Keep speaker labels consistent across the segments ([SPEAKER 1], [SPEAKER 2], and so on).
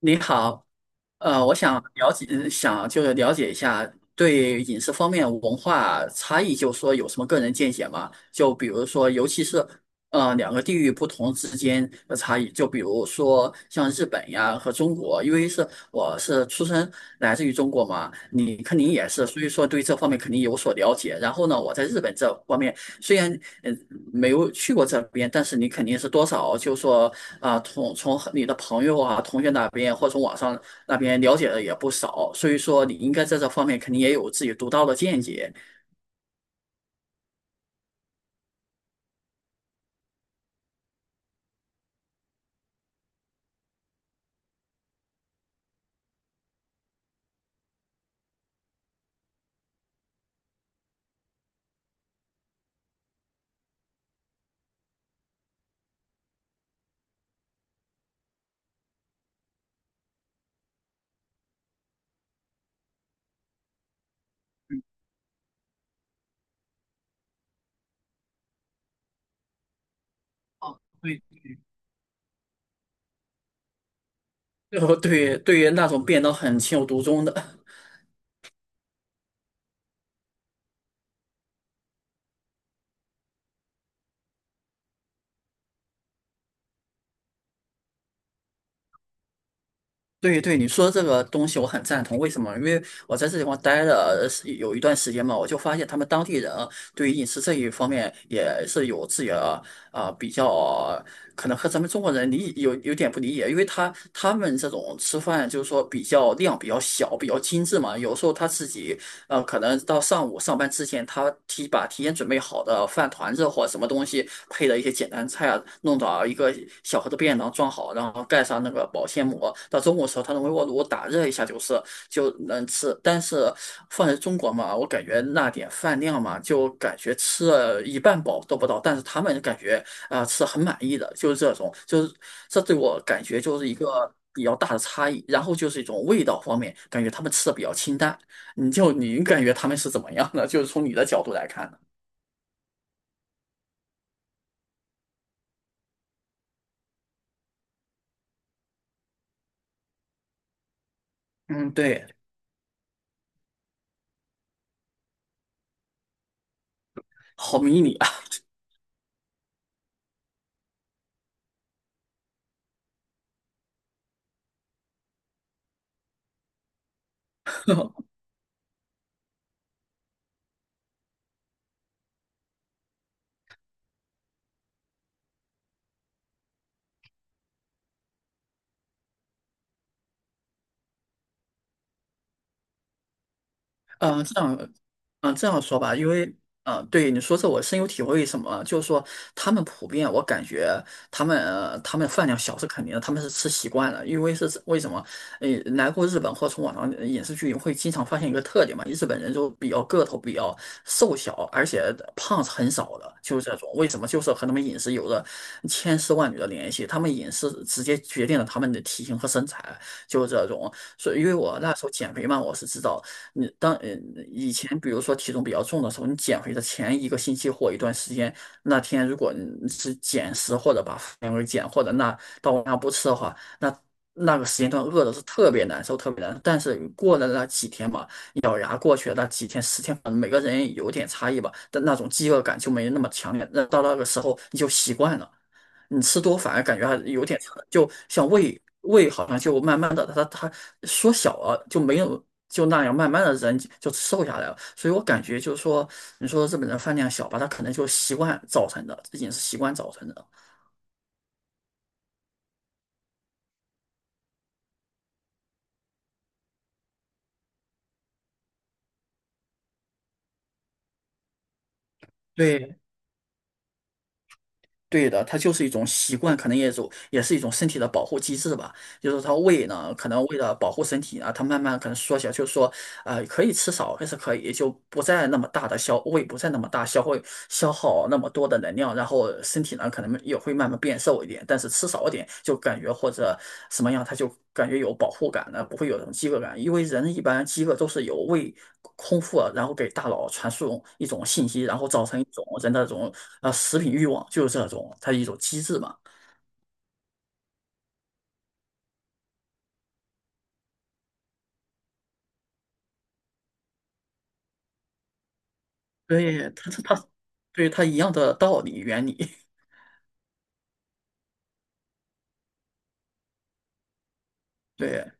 [SPEAKER 1] 你好，我想了解，想就是了解一下对饮食方面文化差异，就是说有什么个人见解吗？就比如说，尤其是两个地域不同之间的差异，就比如说像日本呀和中国，因为是我是出生来自于中国嘛，你肯定也是，所以说对这方面肯定有所了解。然后呢，我在日本这方面虽然呃没有去过这边，但是你肯定是多少就是说啊、从你的朋友啊、同学那边或从网上。那边了解的也不少，所以说你应该在这方面肯定也有自己独到的见解。哦，对，对，对于那种变得很情有独钟的，对对，你说这个东西我很赞同。为什么？因为我在这地方待了是有一段时间嘛，我就发现他们当地人对于饮食这一方面也是有自己的啊、比较，可能和咱们中国人理有点不理解，因为他们这种吃饭就是说比较量比较小，比较精致嘛，有时候他自己可能到上午上班之前，他把提前准备好的饭团子或什么东西配的一些简单菜啊，弄到一个小盒的便当装好，然后盖上那个保鲜膜。到中午的时候，他用微波炉打热一下就能吃。但是放在中国嘛，我感觉那点饭量嘛，就感觉吃了一半饱都不到，但是他们感觉啊、吃得很满意的，就是这种，就是这对我感觉就是一个比较大的差异。然后就是一种味道方面，感觉他们吃的比较清淡。你感觉他们是怎么样的？就是从你的角度来看的。嗯，对，好迷你啊。嗯，这样，嗯，这样说吧，因为，嗯，对你说这我深有体会。什么？就是说，他们普遍，我感觉他们，他们饭量小是肯定的，他们是吃习惯了。因为是为什么？呃，来过日本或从网上影视剧会经常发现一个特点嘛，日本人就比较个头比较瘦小，而且胖是很少的，就是这种。为什么？就是和他们饮食有着千丝万缕的联系，他们饮食直接决定了他们的体型和身材，就是这种。所以，因为我那时候减肥嘛，我是知道。你当以前比如说体重比较重的时候，你减肥的前一个星期或一段时间，那天如果你是减食或者把饭给减，或者那到晚上不吃的话，那那个时间段饿的是特别难受，特别难受。但是过了那几天嘛，咬牙过去的那几天十天，可能每个人有点差异吧，但那种饥饿感就没那么强烈。那到那个时候你就习惯了。你吃多反而感觉还有点撑就像胃好像就慢慢的它缩小了，就没有就那样慢慢的人就瘦下来了。所以我感觉就是说，你说日本人饭量小吧，他可能就习惯造成的，这也是习惯造成的。对对的，它就是一种习惯，可能也是一种身体的保护机制吧。就是它胃呢，可能为了保护身体啊，它慢慢可能缩小，就是说，可以吃少还是可以，就不再那么大的消，胃不再那么大消耗那么多的能量，然后身体呢可能也会慢慢变瘦一点，但是吃少一点就感觉或者什么样，它就感觉有保护感呢，不会有这种饥饿感，因为人一般饥饿都是由胃空腹啊然后给大脑传输一种信息，然后造成一种人的这种食品欲望，就是这种它一种机制嘛。对，它，对它一样的道理原理，对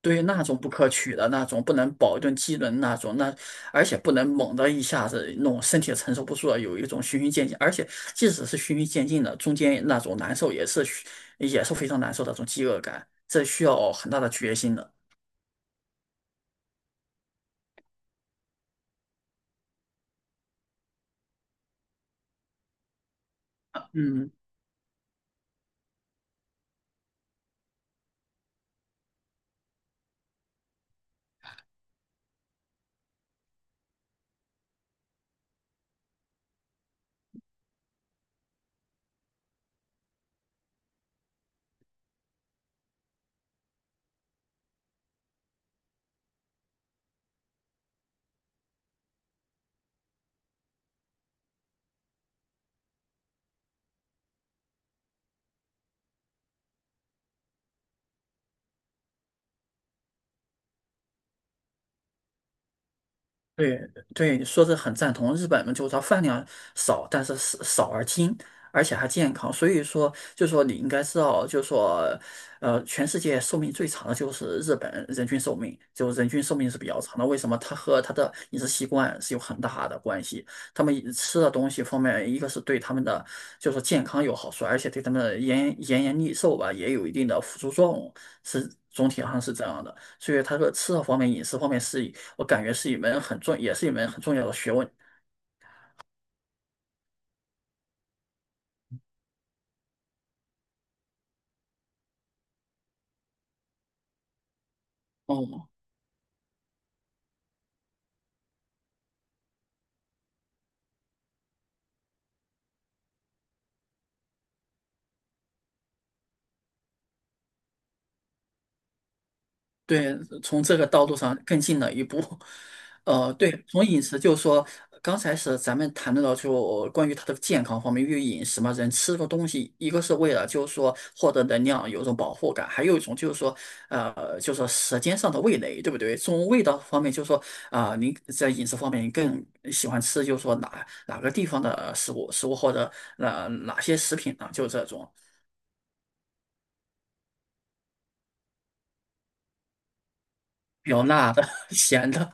[SPEAKER 1] 对，于那种不可取的那种，不能保证机能那种，那而且不能猛的一下子弄，身体承受不住了，有一种循序渐进，而且即使是循序渐进的，中间那种难受也是非常难受的那种饥饿感，这需要很大的决心的。嗯。对对，你说是很赞同。日本嘛，就是它饭量少，但是少少而精，而且还健康。所以说，就说你应该知道，就说，全世界寿命最长的就是日本人均寿命，就人均寿命是比较长的。为什么？它和它的饮食习惯是有很大的关系。他们饮吃的东西方面，一个是对他们的就说健康有好处，而且对他们的延年益寿吧也有一定的辅助作用，是总体上是这样的。所以他说吃的方面、饮食方面是。我感觉是一门很重，也是一门很重要的学问。哦，对，从这个道路上更进了一步。对，从饮食就是说，刚才是咱们谈论到就关于它的健康方面，因为饮食嘛，人吃个东西，一个是为了就是说获得能量，有一种保护感，还有一种就是说，就是说舌尖上的味蕾，对不对？从味道方面，就是说啊、您在饮食方面，你更喜欢吃就是说哪个地方的食物，食物或者哪些食品呢？就这种。比较辣的、咸的，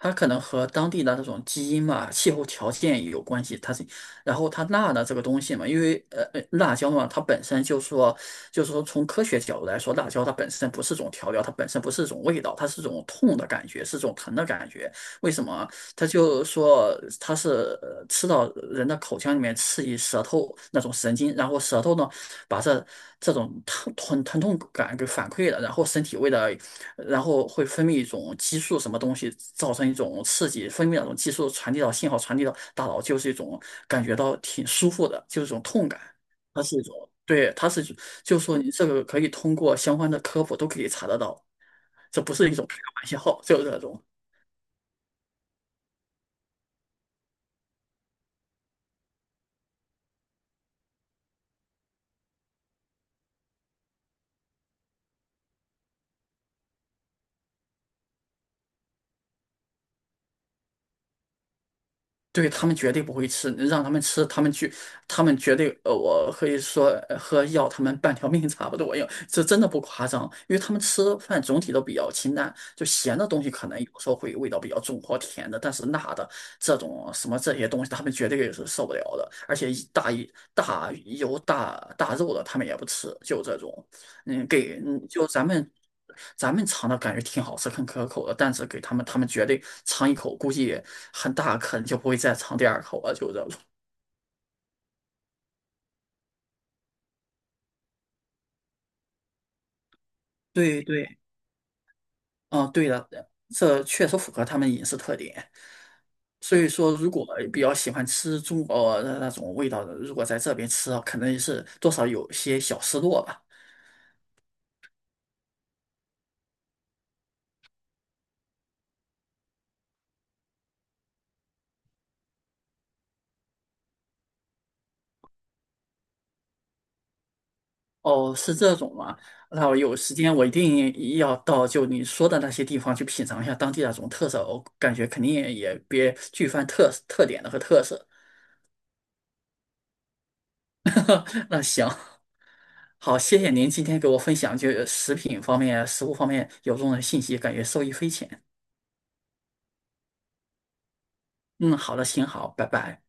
[SPEAKER 1] 它可能和当地的那种基因嘛、气候条件也有关系。它是，然后它辣的这个东西嘛，因为辣椒嘛，它本身就说，就是说从科学角度来说，辣椒它本身不是种调料，它本身不是种味道，它是种痛的感觉，是种疼的感觉。为什么？它就说它是吃到人的口腔里面刺激舌头那种神经，然后舌头呢把这种疼痛感给反馈了，然后身体为了。然后会分泌一种激素，什么东西造成一种刺激，分泌那种激素传递到信号，传递到大脑，就是一种感觉到挺舒服的，就是一种痛感。它是一种，对，它是，就是说你这个可以通过相关的科普都可以查得到，这不是一种开玩笑，就是那种。对他们绝对不会吃，让他们吃，他们去，他们绝对，我可以说和要他们半条命差不多一这真的不夸张，因为他们吃饭总体都比较清淡，就咸的东西可能有时候会味道比较重或甜的，但是辣的这种什么这些东西，他们绝对也是受不了的，而且一大一大油大大肉的他们也不吃，就这种。嗯，给嗯，就咱们尝的感觉挺好吃、很可口的，但是给他们，他们绝对尝一口，估计很大可能就不会再尝第二口了，就这种。对对，嗯，对的，这确实符合他们饮食特点。所以说，如果比较喜欢吃中国的那种味道的，如果在这边吃啊，可能是多少有些小失落吧。哦，是这种吗？那我有时间我一定要到就你说的那些地方去品尝一下当地那种特色，我感觉肯定也别具泛特点的和特色。那行，好，谢谢您今天给我分享就是食品方面、食物方面有用的信息，感觉受益匪浅。嗯，好的，行，好，拜拜。